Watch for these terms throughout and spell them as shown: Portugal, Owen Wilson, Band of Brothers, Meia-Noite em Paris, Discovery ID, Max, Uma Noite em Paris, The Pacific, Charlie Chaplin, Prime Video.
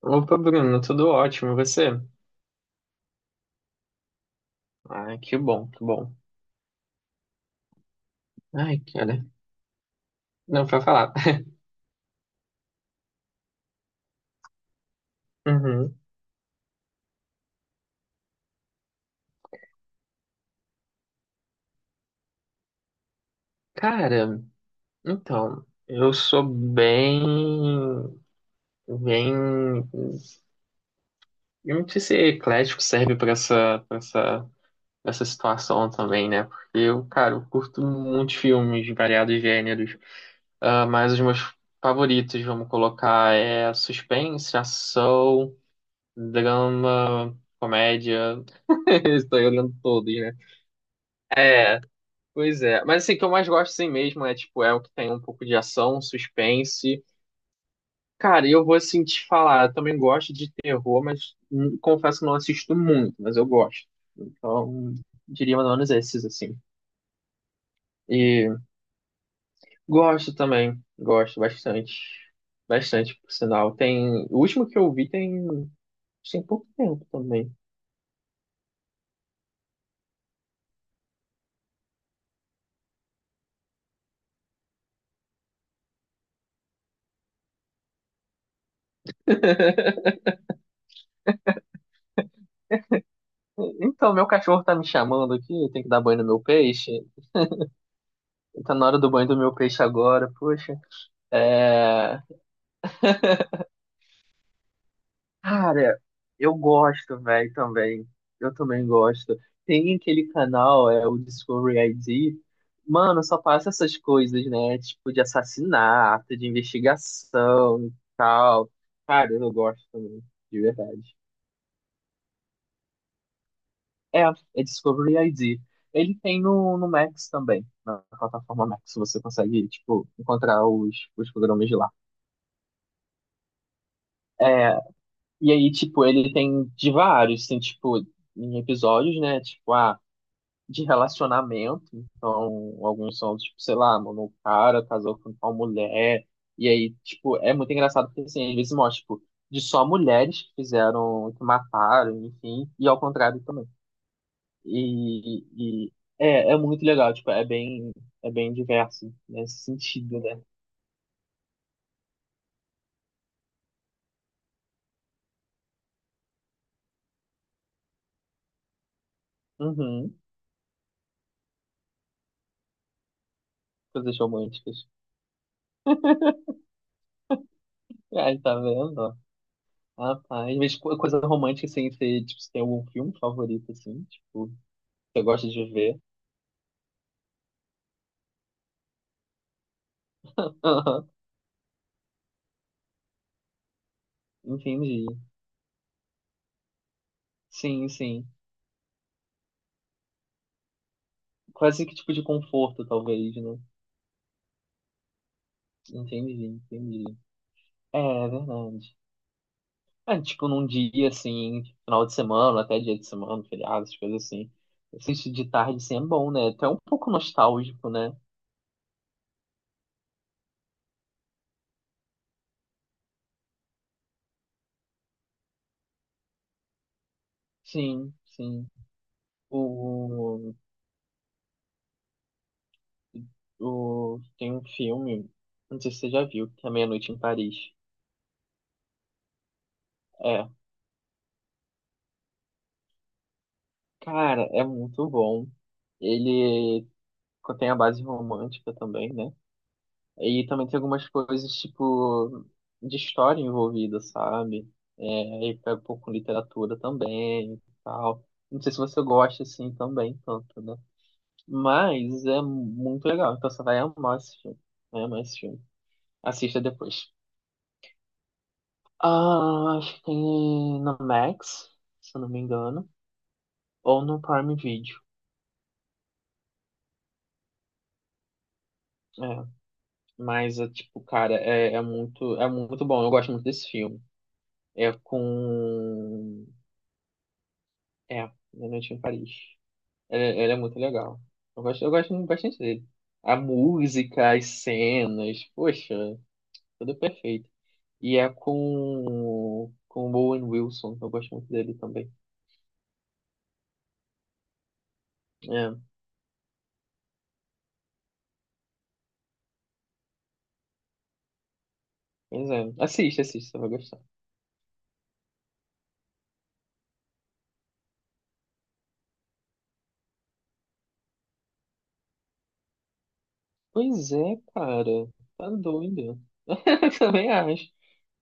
Opa, Bruno, tudo ótimo, e você? Ai, que bom, que bom. Ai, cara, não pra falar. Uhum. Cara, então, eu sou bem, eu não sei se eclético serve pra essa situação também, né? Porque eu, cara, eu curto muitos filmes de variados gêneros. Ah, mas os meus favoritos, vamos colocar, é suspense, ação, drama, comédia. Estou olhando todos, né? É, pois é. Mas assim, o que eu mais gosto assim mesmo é, tipo, é o que tem um pouco de ação, suspense. Cara, eu vou assim te falar, eu também gosto de terror, mas confesso que não assisto muito, mas eu gosto. Então, diria mais ou menos esses, assim. E gosto também, gosto bastante. Bastante, por sinal. Tem. O último que eu vi tem. Tem pouco tempo também. Então, meu cachorro tá me chamando aqui, eu tenho que dar banho no meu peixe. Tá na hora do banho do meu peixe agora, poxa. É, cara, eu gosto, velho, também. Eu também gosto. Tem aquele canal, é o Discovery ID. Mano, só passa essas coisas, né? Tipo, de assassinato, de investigação e tal. Cara, eu gosto também, de verdade. É, é, Discovery ID. Ele tem no Max também. Na plataforma Max você consegue, tipo, encontrar os programas de lá. É. E aí, tipo, ele tem de vários, tem, tipo, em episódios, né? Tipo, ah, de relacionamento. Então, alguns são, tipo, sei lá, mano, o cara casou com tal mulher. E aí, tipo, é muito engraçado porque, assim, às vezes mostra, tipo, de só mulheres que fizeram, que mataram, enfim, e ao contrário também. E é muito legal, tipo, é bem diverso nesse sentido, né? Uhum, coisas românticas. Ai, tá vendo? Ah, tá. Rapaz, mas coisa romântica, assim, você, tipo, você tem algum filme favorito, assim, tipo, você gosta de ver? Aham. Entendi. Sim, sim. Quase que tipo de conforto, talvez, né? Entendi, entendi. É, é verdade. É, tipo, num dia, assim, final de semana, até dia de semana, feriados, coisas assim. Assistir de tarde, assim, é bom, né? Até um pouco nostálgico, né? Sim, sim. O, tem um filme, não sei se você já viu, que é Meia-Noite em Paris. é Cara, é muito bom. Ele tem a base romântica também, né? E também tem algumas coisas, tipo, de história envolvida, sabe? É, e pega um pouco com literatura também e tal. Não sei se você gosta, assim, também, tanto, né? Mas é muito legal, então você vai amar esse filme. Vai amar esse filme. Assista depois. Ah, acho que tem na Max, se eu não me engano, ou no Prime Video. É. Mas, é, tipo, cara, é muito bom. Eu gosto muito desse filme. É com. É, Uma Noite em Paris. Ele é muito legal. Eu gosto muito bastante dele. A música, as cenas, poxa, tudo perfeito. E é com. Com o Owen Wilson. Eu gosto muito dele também. É, pois é. Assiste, assiste, você vai gostar. Pois é, cara. Tá doido. Eu também acho.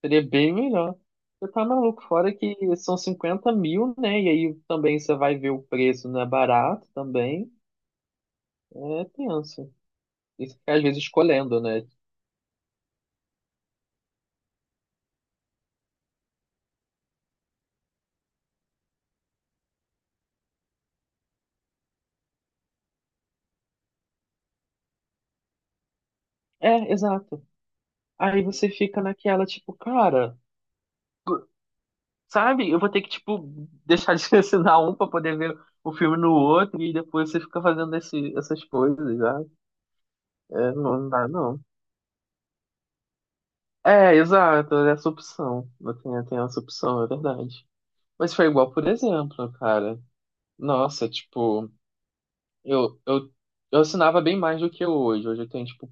Seria bem melhor. Você tá maluco, fora que são 50 mil, né? E aí também você vai ver o preço, não é barato também. É tenso. Isso fica, às vezes escolhendo, né? É, exato. Aí você fica naquela, tipo, cara, sabe? Eu vou ter que, tipo, deixar de assinar um pra poder ver o filme no outro e depois você fica fazendo esse, essas coisas, sabe? É, não, não dá, não. É, exato, essa opção. Eu tenho essa opção, é verdade. Mas foi igual, por exemplo, cara. Nossa, tipo, eu, eu, eu assinava bem mais do que eu hoje. Hoje eu tenho, tipo,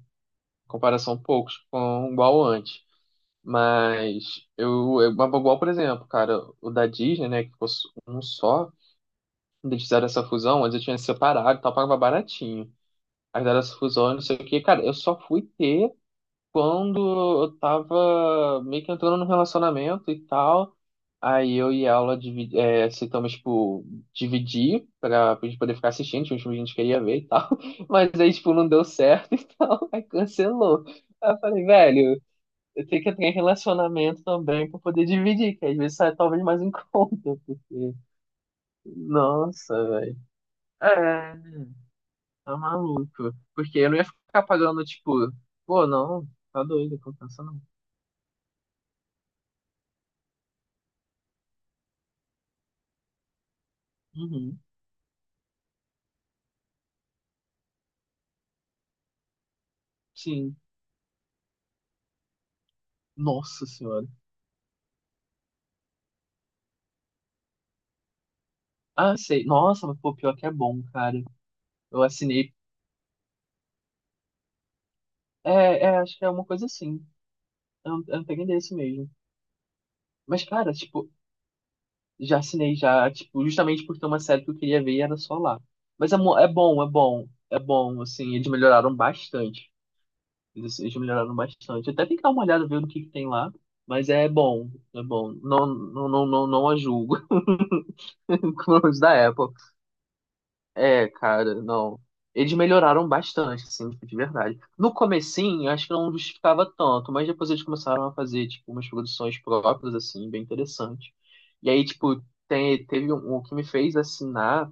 comparação poucos com igual antes. Mas igual, por exemplo, cara, o da Disney, né, que ficou um só, quando eles fizeram essa fusão, antes eu tinha separado e tal, pagava baratinho. Aí fizeram essa fusão, não sei o que cara, eu só fui ter quando eu tava meio que entrando no relacionamento e tal, aí eu e ela aceitamos, tipo, dividir pra gente poder ficar assistindo, tinha uns filmes que a gente queria ver e tal, mas aí, tipo, não deu certo e tal, aí cancelou. Aí eu falei, velho, eu tenho que entrar em relacionamento também pra poder dividir, que às vezes sai talvez mais em conta, porque, nossa, velho. É, tá maluco. Porque eu não ia ficar pagando, tipo, pô, não, tá doido, compensa não. Uhum. Sim. Nossa senhora. Ah, sei. Nossa, mas pô, pior que é bom, cara. Eu assinei. É, é, acho que é uma coisa assim. Eu não peguei desse mesmo. Mas, cara, tipo, já assinei já, tipo, justamente porque uma série que eu queria ver e era só lá. Mas é bom, é bom. É bom, assim, eles melhoraram bastante. Eles melhoraram bastante. Até tem que dar uma olhada, ver o que que tem lá. Mas é bom, é bom. Não, não, não, não, não a julgo. Como os da Apple. É, cara, não. Eles melhoraram bastante, assim, tipo, de verdade. No comecinho, eu acho que não justificava tanto, mas depois eles começaram a fazer, tipo, umas produções próprias, assim, bem interessantes. E aí, tipo, tem, teve um, o que me fez assinar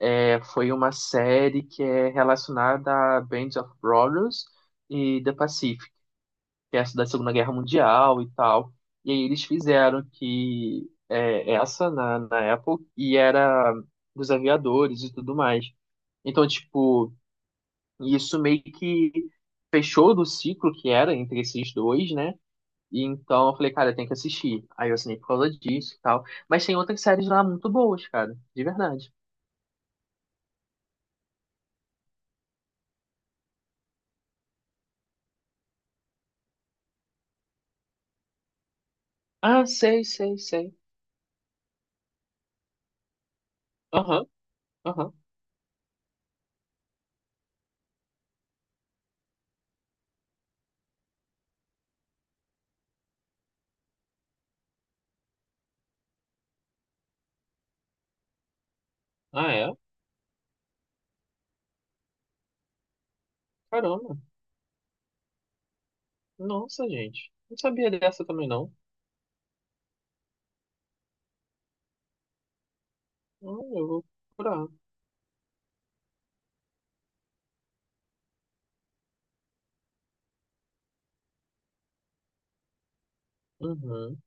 foi uma série que é relacionada a Band of Brothers e The Pacific, que é essa da Segunda Guerra Mundial e tal. E aí eles fizeram essa na Apple e era dos aviadores e tudo mais. Então, tipo, isso meio que fechou do ciclo que era entre esses dois, né? E então eu falei, cara, tem que assistir. Aí eu assinei por causa disso e tal. Mas tem outras séries lá muito boas, cara. De verdade. Ah, sei, sei, sei. Aham, aham. Ah, é? Caramba. Nossa, gente. Não sabia dessa também, não. Ah, eu vou procurar. Uhum.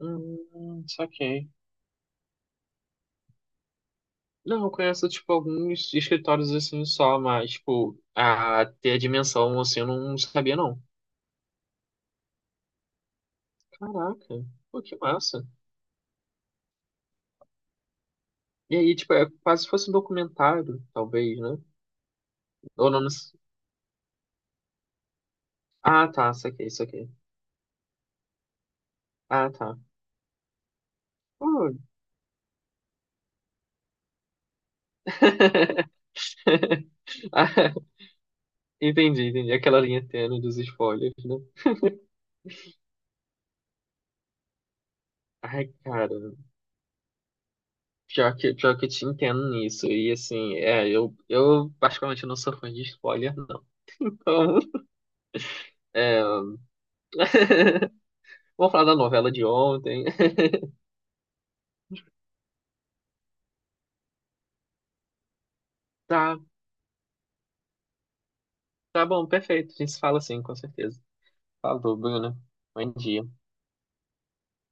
Saquei. Não, eu conheço, tipo, alguns escritórios assim só, mas, tipo, a ter a dimensão assim eu não sabia, não. Caraca, pô, que massa. E aí, tipo, é quase se fosse um documentário, talvez, né? Ou não, ah, tá, saquei, saquei. Ah, tá. Pô. Ah, entendi, entendi. Aquela linha tênue dos spoilers, né? Ai, cara, pior que eu te entendo nisso. E assim, é, eu particularmente não sou fã de spoiler, não. Então, é. Vamos falar da novela de ontem. Tá, tá bom, perfeito. A gente se fala assim, com certeza. Falou, Bruno. Bom dia.